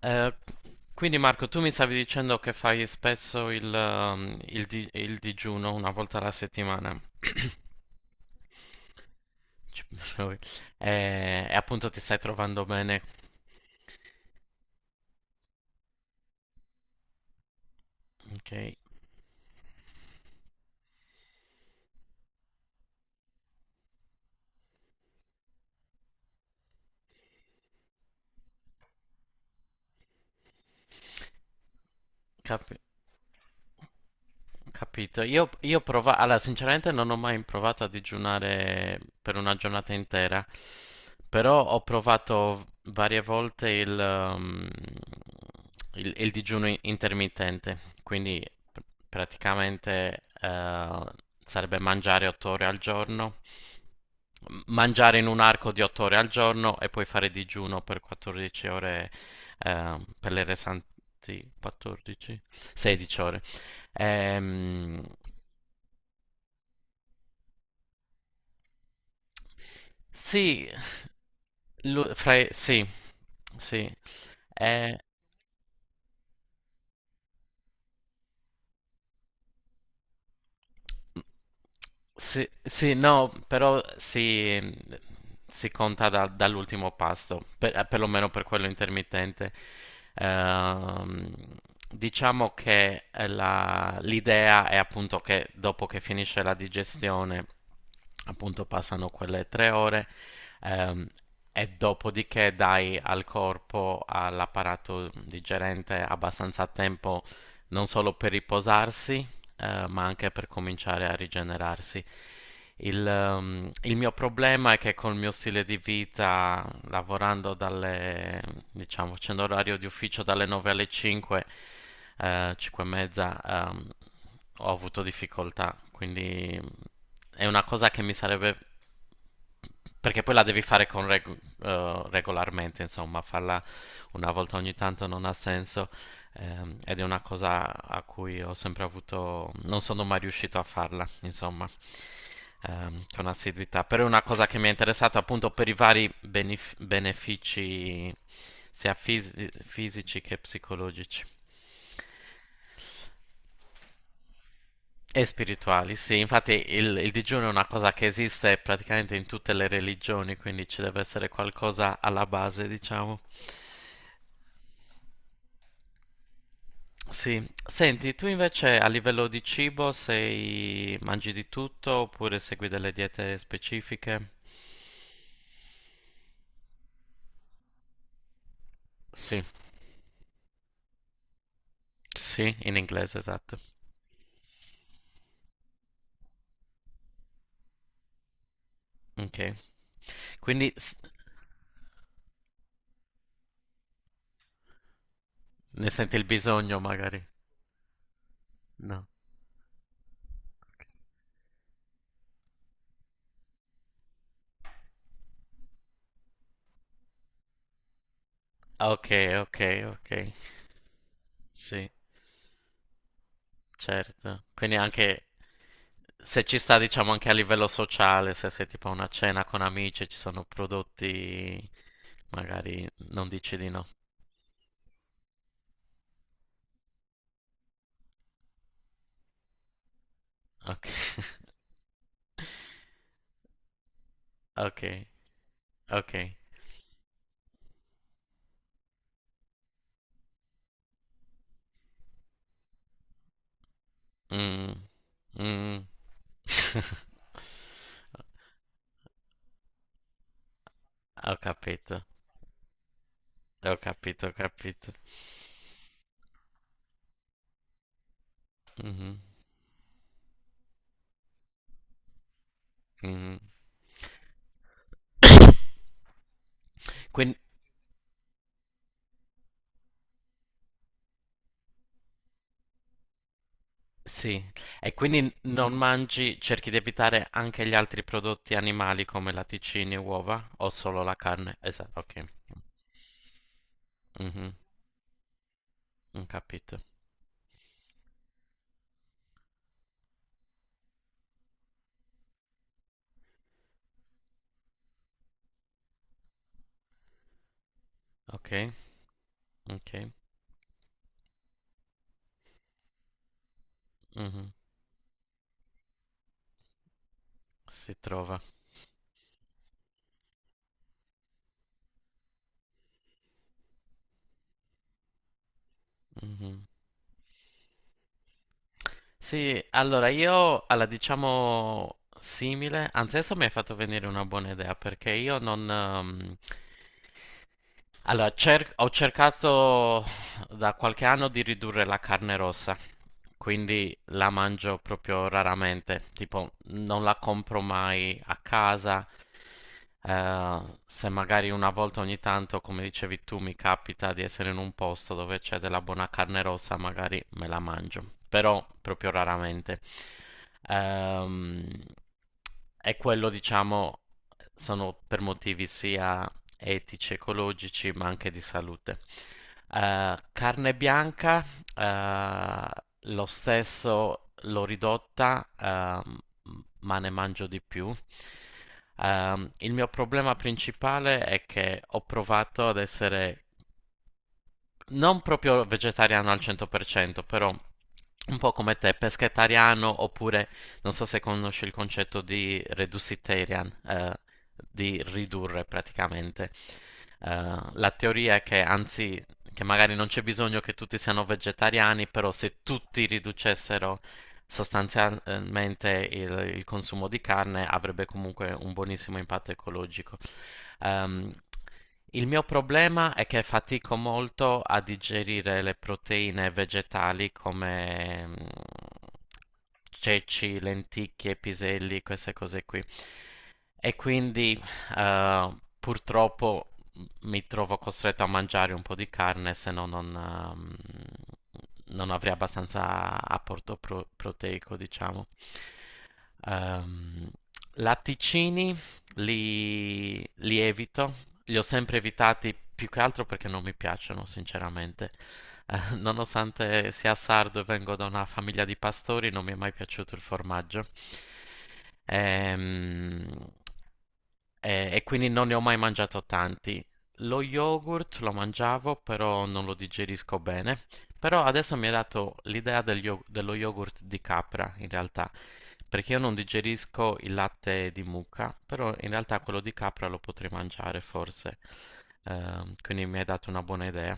Eh, quindi Marco, tu mi stavi dicendo che fai spesso il digiuno una volta alla settimana. Ci- e appunto ti stai trovando bene, ok? Cap- Capito. Io allora, sinceramente non ho mai provato a digiunare per una giornata intera, però ho provato varie volte il digiuno intermittente, quindi praticamente, sarebbe mangiare 8 ore al giorno, mangiare in un arco di 8 ore al giorno e poi fare digiuno per 14 ore, per le restanti 14, 16 ore. Ehm, sì, sì, sì. Eh, Sì, sì, no, però si conta dall'ultimo pasto, perlomeno per quello intermittente. Ehm, diciamo che, l'idea è appunto che dopo che finisce la digestione, appunto passano quelle 3 ore, ehm, e dopodiché dai al corpo, all'apparato digerente abbastanza tempo non solo per riposarsi, ma anche per cominciare a rigenerarsi. Il mio problema è che col mio stile di vita, lavorando dalle, diciamo, facendo orario di ufficio dalle 9 alle 5, 5 e mezza, ho avuto difficoltà. Quindi è una cosa che mi sarebbe. Perché poi la devi fare con regolarmente, insomma, farla una volta ogni tanto non ha senso. Ed è una cosa a cui ho sempre avuto, non sono mai riuscito a farla, insomma, con assiduità, però è una cosa che mi è interessata appunto per i vari benefici sia fisici che psicologici. E spirituali, sì, infatti il digiuno è una cosa che esiste praticamente in tutte le religioni, quindi ci deve essere qualcosa alla base, diciamo. Sì, senti, tu invece a livello di cibo mangi di tutto oppure segui delle diete specifiche? Sì, sì, in inglese, esatto. Ok, quindi ne senti il bisogno magari? No. Ok, ok, ok. Sì, certo. Quindi anche se ci sta, diciamo, anche a livello sociale, se sei tipo a una cena con amici, ci sono prodotti, magari non dici di no. Ok, ok, ok. Mm, mm. Ho capito, ho capito, ho capito. Mhm, mhm. Quindi, sì, e quindi non mangi, cerchi di evitare anche gli altri prodotti animali come latticini e uova o solo la carne? Esatto, ok. Mhm. Ho capito. Ok, ok. Mhm. Si trova. Mhm. Sì, allora io alla, diciamo, simile, anzi adesso mi hai fatto venire una buona idea, perché io non, allora, ho cercato da qualche anno di ridurre la carne rossa, quindi la mangio proprio raramente, tipo non la compro mai a casa, eh, se magari una volta ogni tanto, come dicevi tu, mi capita di essere in un posto dove c'è della buona carne rossa, magari me la mangio, però proprio raramente. Ehm, e quello, diciamo, sono per motivi sia etici, ecologici, ma anche di salute. Carne bianca, eh, lo stesso l'ho ridotta, ma ne mangio di più. Il mio problema principale è che ho provato ad essere non proprio vegetariano al 100%, però un po' come te, pescetariano, oppure non so se conosci il concetto di reducitarian, di ridurre praticamente. La teoria è che, anzi, che magari non c'è bisogno che tutti siano vegetariani, però se tutti riducessero sostanzialmente il consumo di carne avrebbe comunque un buonissimo impatto ecologico. Ehm, il mio problema è che fatico molto a digerire le proteine vegetali come, ceci, lenticchie, piselli, queste cose qui. E quindi, eh, purtroppo, mi trovo costretto a mangiare un po' di carne, se no non, non avrei abbastanza apporto proteico, diciamo. Ehm, latticini li evito, li ho sempre evitati più che altro perché non mi piacciono, sinceramente. Nonostante sia sardo e vengo da una famiglia di pastori, non mi è mai piaciuto il formaggio. Ehm, e quindi non ne ho mai mangiato tanti. Lo yogurt lo mangiavo, però non lo digerisco bene. Però adesso mi ha dato l'idea dello yogurt di capra, in realtà, perché io non digerisco il latte di mucca, però in realtà quello di capra lo potrei mangiare forse. Quindi mi hai dato una buona idea.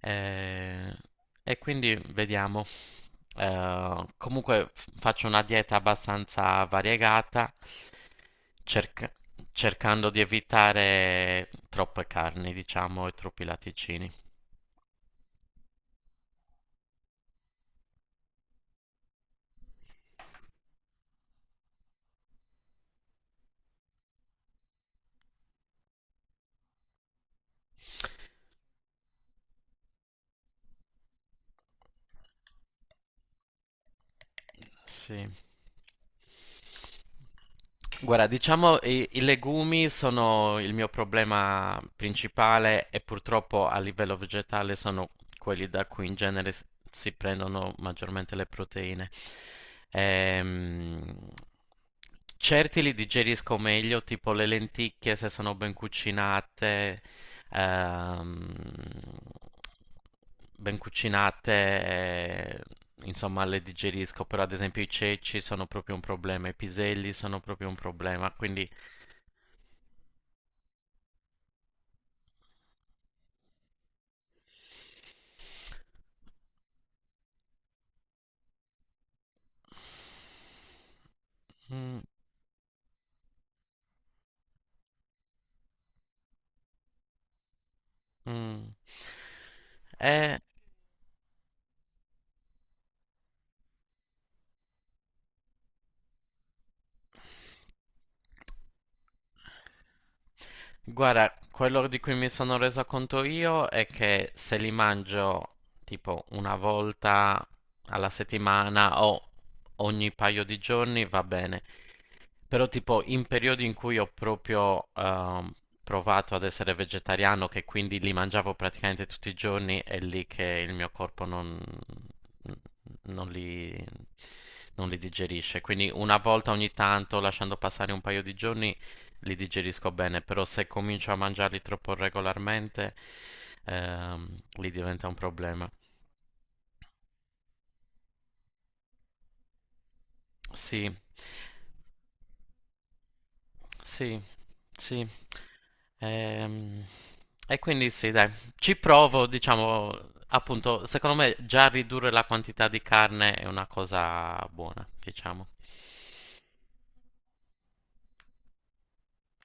Eh, e quindi vediamo. Comunque faccio una dieta abbastanza variegata, cerca- cercando di evitare troppe carni, diciamo, e troppi latticini. Sì. Guarda, diciamo i legumi sono il mio problema principale, e purtroppo a livello vegetale sono quelli da cui in genere si prendono maggiormente le proteine. Ehm, certi li digerisco meglio, tipo le lenticchie se sono ehm, ben cucinate, insomma, le digerisco, però ad esempio i ceci sono proprio un problema, i piselli sono proprio un problema, quindi. Mm, mm. Eh, Guarda, quello di cui mi sono reso conto io è che se li mangio tipo una volta alla settimana o ogni paio di giorni va bene, però tipo in periodi in cui ho proprio, provato ad essere vegetariano, che quindi li mangiavo praticamente tutti i giorni, è lì che il mio corpo non li, non li digerisce. Quindi una volta ogni tanto, lasciando passare un paio di giorni, li digerisco bene, però se comincio a mangiarli troppo regolarmente, lì diventa un problema. Sì, sì, sì. Ehm, e quindi sì, dai, ci provo, diciamo, appunto, secondo me già ridurre la quantità di carne è una cosa buona, diciamo.